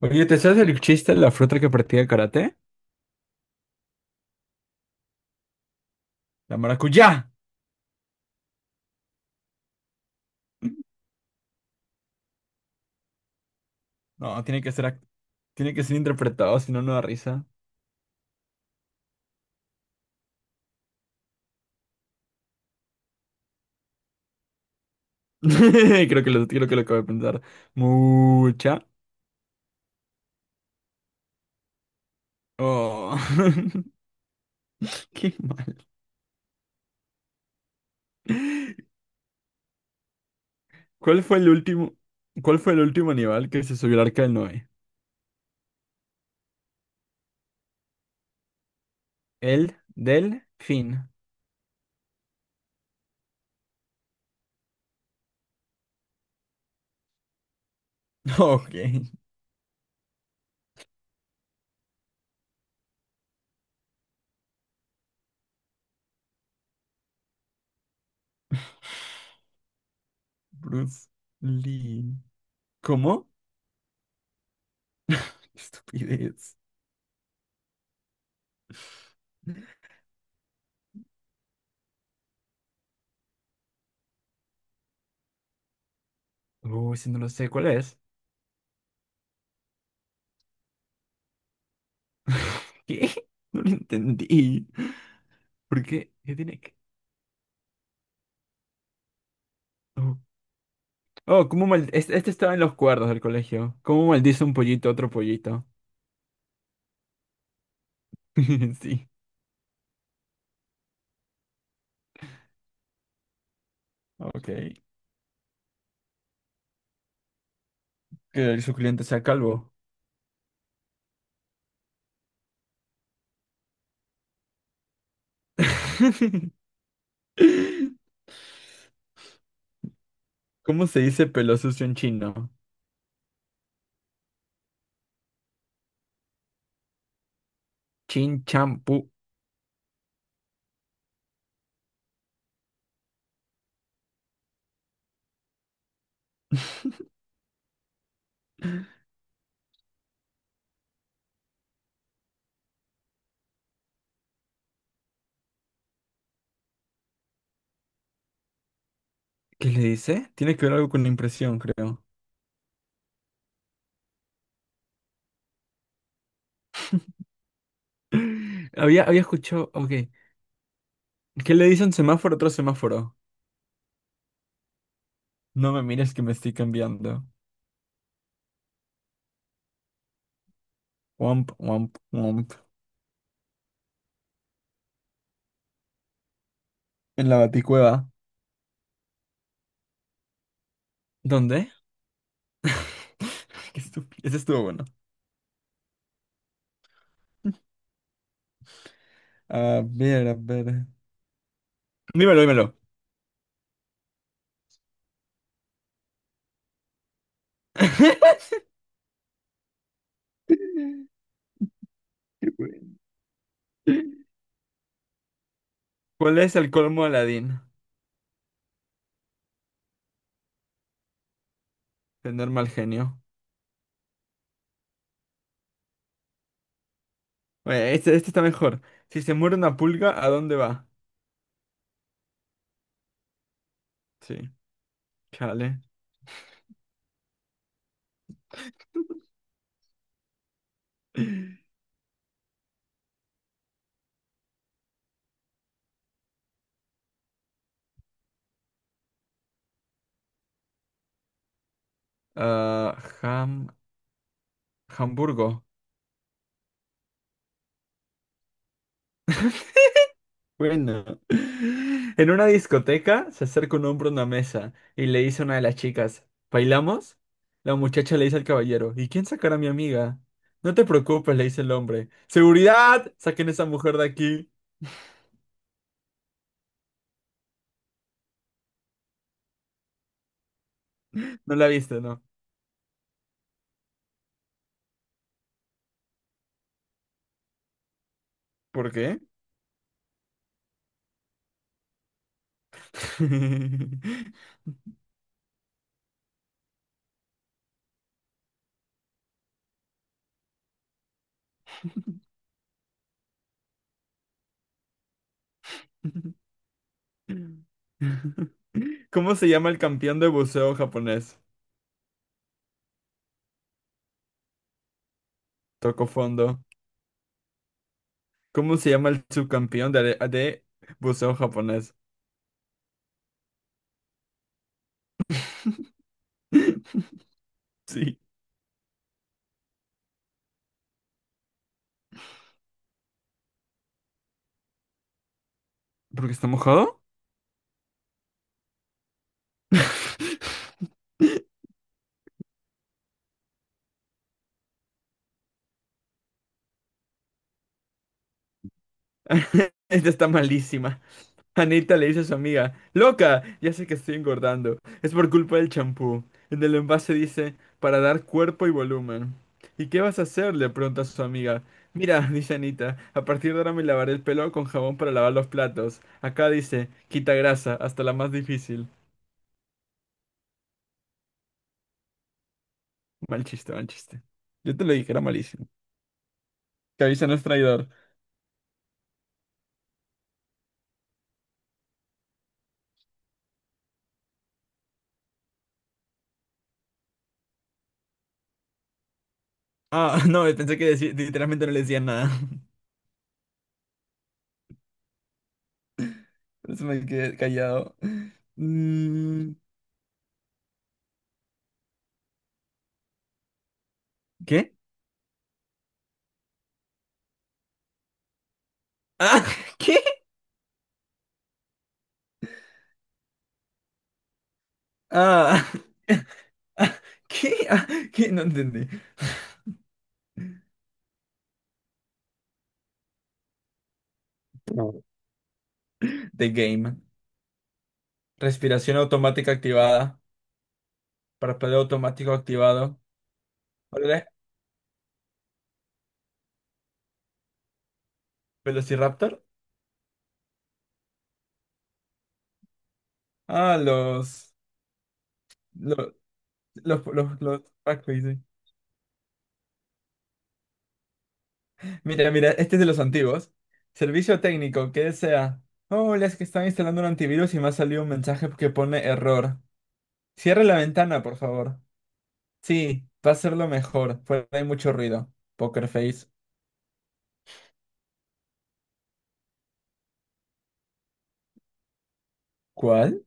Oye, ¿te sabes el chiste de la fruta que practica karate? La maracuyá. No, tiene que ser, tiene que ser interpretado, si no, no da risa. Creo que lo acabo de pensar. Mucha. Oh, qué mal. ¿Cuál fue el último, ¿cuál fue el último animal que se subió al arca del Noé? El delfín. Ok, Bruce Lee. ¿Cómo? Qué estupidez. Uy, si no lo sé, ¿cuál es? ¿Qué? No lo entendí. ¿Por qué? ¿Qué tiene que...? Oh, oh, ¿cómo mal... Este estaba en los cuerdos del colegio. ¿Cómo maldice un pollito a otro pollito? Sí. Ok. Que el cliente sea calvo. ¿Cómo se dice pelo sucio en chino? Chin champú. ¿Qué le dice? Tiene que ver algo con la impresión, creo. Había escuchado. Ok. ¿Qué le dice un semáforo a otro semáforo? No me mires que me estoy cambiando. Womp, womp, womp. En la Baticueva. ¿Dónde? Qué estúpido. Ese estuvo bueno. A ver, a ver. Dímelo, dímelo. Qué bueno. ¿Cuál es el colmo de Aladín? Tener mal genio. Oye, este está mejor. Si se muere una pulga, ¿a dónde va? Sí, chale. Ah, Ham... Hamburgo. Bueno, en una discoteca se acerca un hombre a una mesa y le dice a una de las chicas, ¿bailamos? La muchacha le dice al caballero, ¿y quién sacará a mi amiga? No te preocupes, le dice el hombre. ¡Seguridad! Saquen a esa mujer de aquí. No la viste, ¿no? ¿Por qué? ¿Cómo se llama el campeón de buceo japonés? Toco fondo. ¿Cómo se llama el subcampeón de buceo japonés? Sí. ¿Porque está mojado? Esta está malísima. Anita le dice a su amiga, loca, ya sé que estoy engordando. Es por culpa del champú. En el envase dice, para dar cuerpo y volumen. ¿Y qué vas a hacer? Le pregunta a su amiga. Mira, dice Anita, a partir de ahora me lavaré el pelo con jabón para lavar los platos. Acá dice, quita grasa, hasta la más difícil. Mal chiste, mal chiste. Yo te lo dije, era malísimo. Que avisa no es traidor. Ah, no, pensé que literalmente no le decía nada. Por eso me quedé callado. Mm, ¿Qué? Ah, ¿qué? Ah, ah, ¿qué? Ah, ¿qué? No entendí. The game. Respiración automática activada. Parpadeo automático activado. ¿Cuál era? ¿Velociraptor? Ah, los... Los... Los... ah, ¿qué? Mira, mira, este es de los antiguos. Servicio técnico, ¿qué desea? Hola, es que están instalando un antivirus y me ha salido un mensaje que pone error. Cierre la ventana, por favor. Sí, va a ser lo mejor. Fuera hay mucho ruido. Poker Face. ¿Cuál?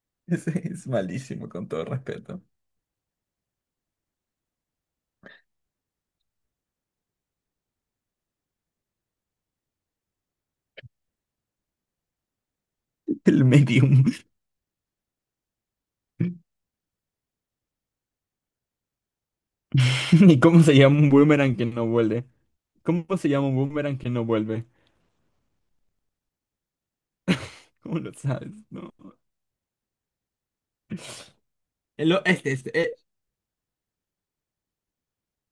Ese es malísimo, con todo respeto. El medium. ¿Y cómo se llama un boomerang que no vuelve? ¿Cómo se llama un boomerang que no vuelve? ¿Cómo lo sabes? No. El o- este, este.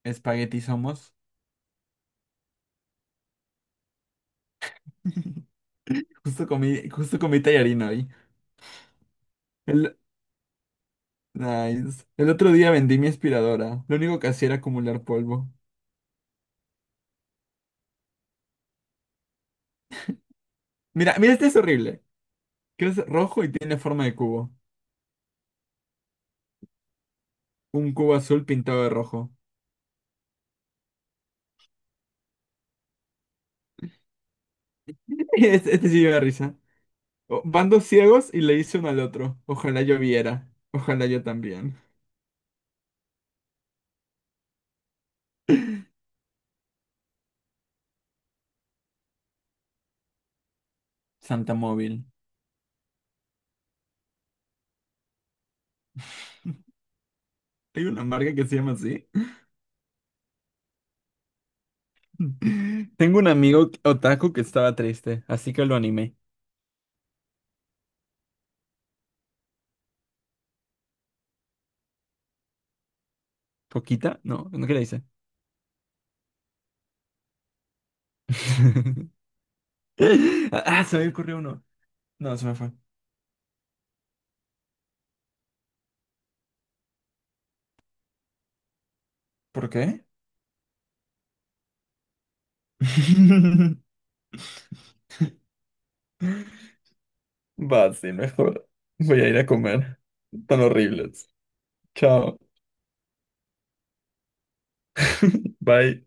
Espagueti somos. Justo comí tallarín hoy. El, nice. El otro día vendí mi aspiradora. Lo único que hacía era acumular polvo. Mira, mira, este es horrible. Que es rojo y tiene forma de cubo. Un cubo azul pintado de rojo. Este sí lleva risa. Van dos ciegos y le dice uno al otro. Ojalá yo viera. Ojalá yo también. Santa Móvil. Hay una marca que se llama así. Tengo un amigo otaku que estaba triste, así que lo animé. ¿Poquita? No, ¿no qué le dice? Ah, se me ocurrió uno. No, se me fue. ¿Por qué? Va, sí, mejor. Voy a ir a comer. Tan horribles. Chao. Bye.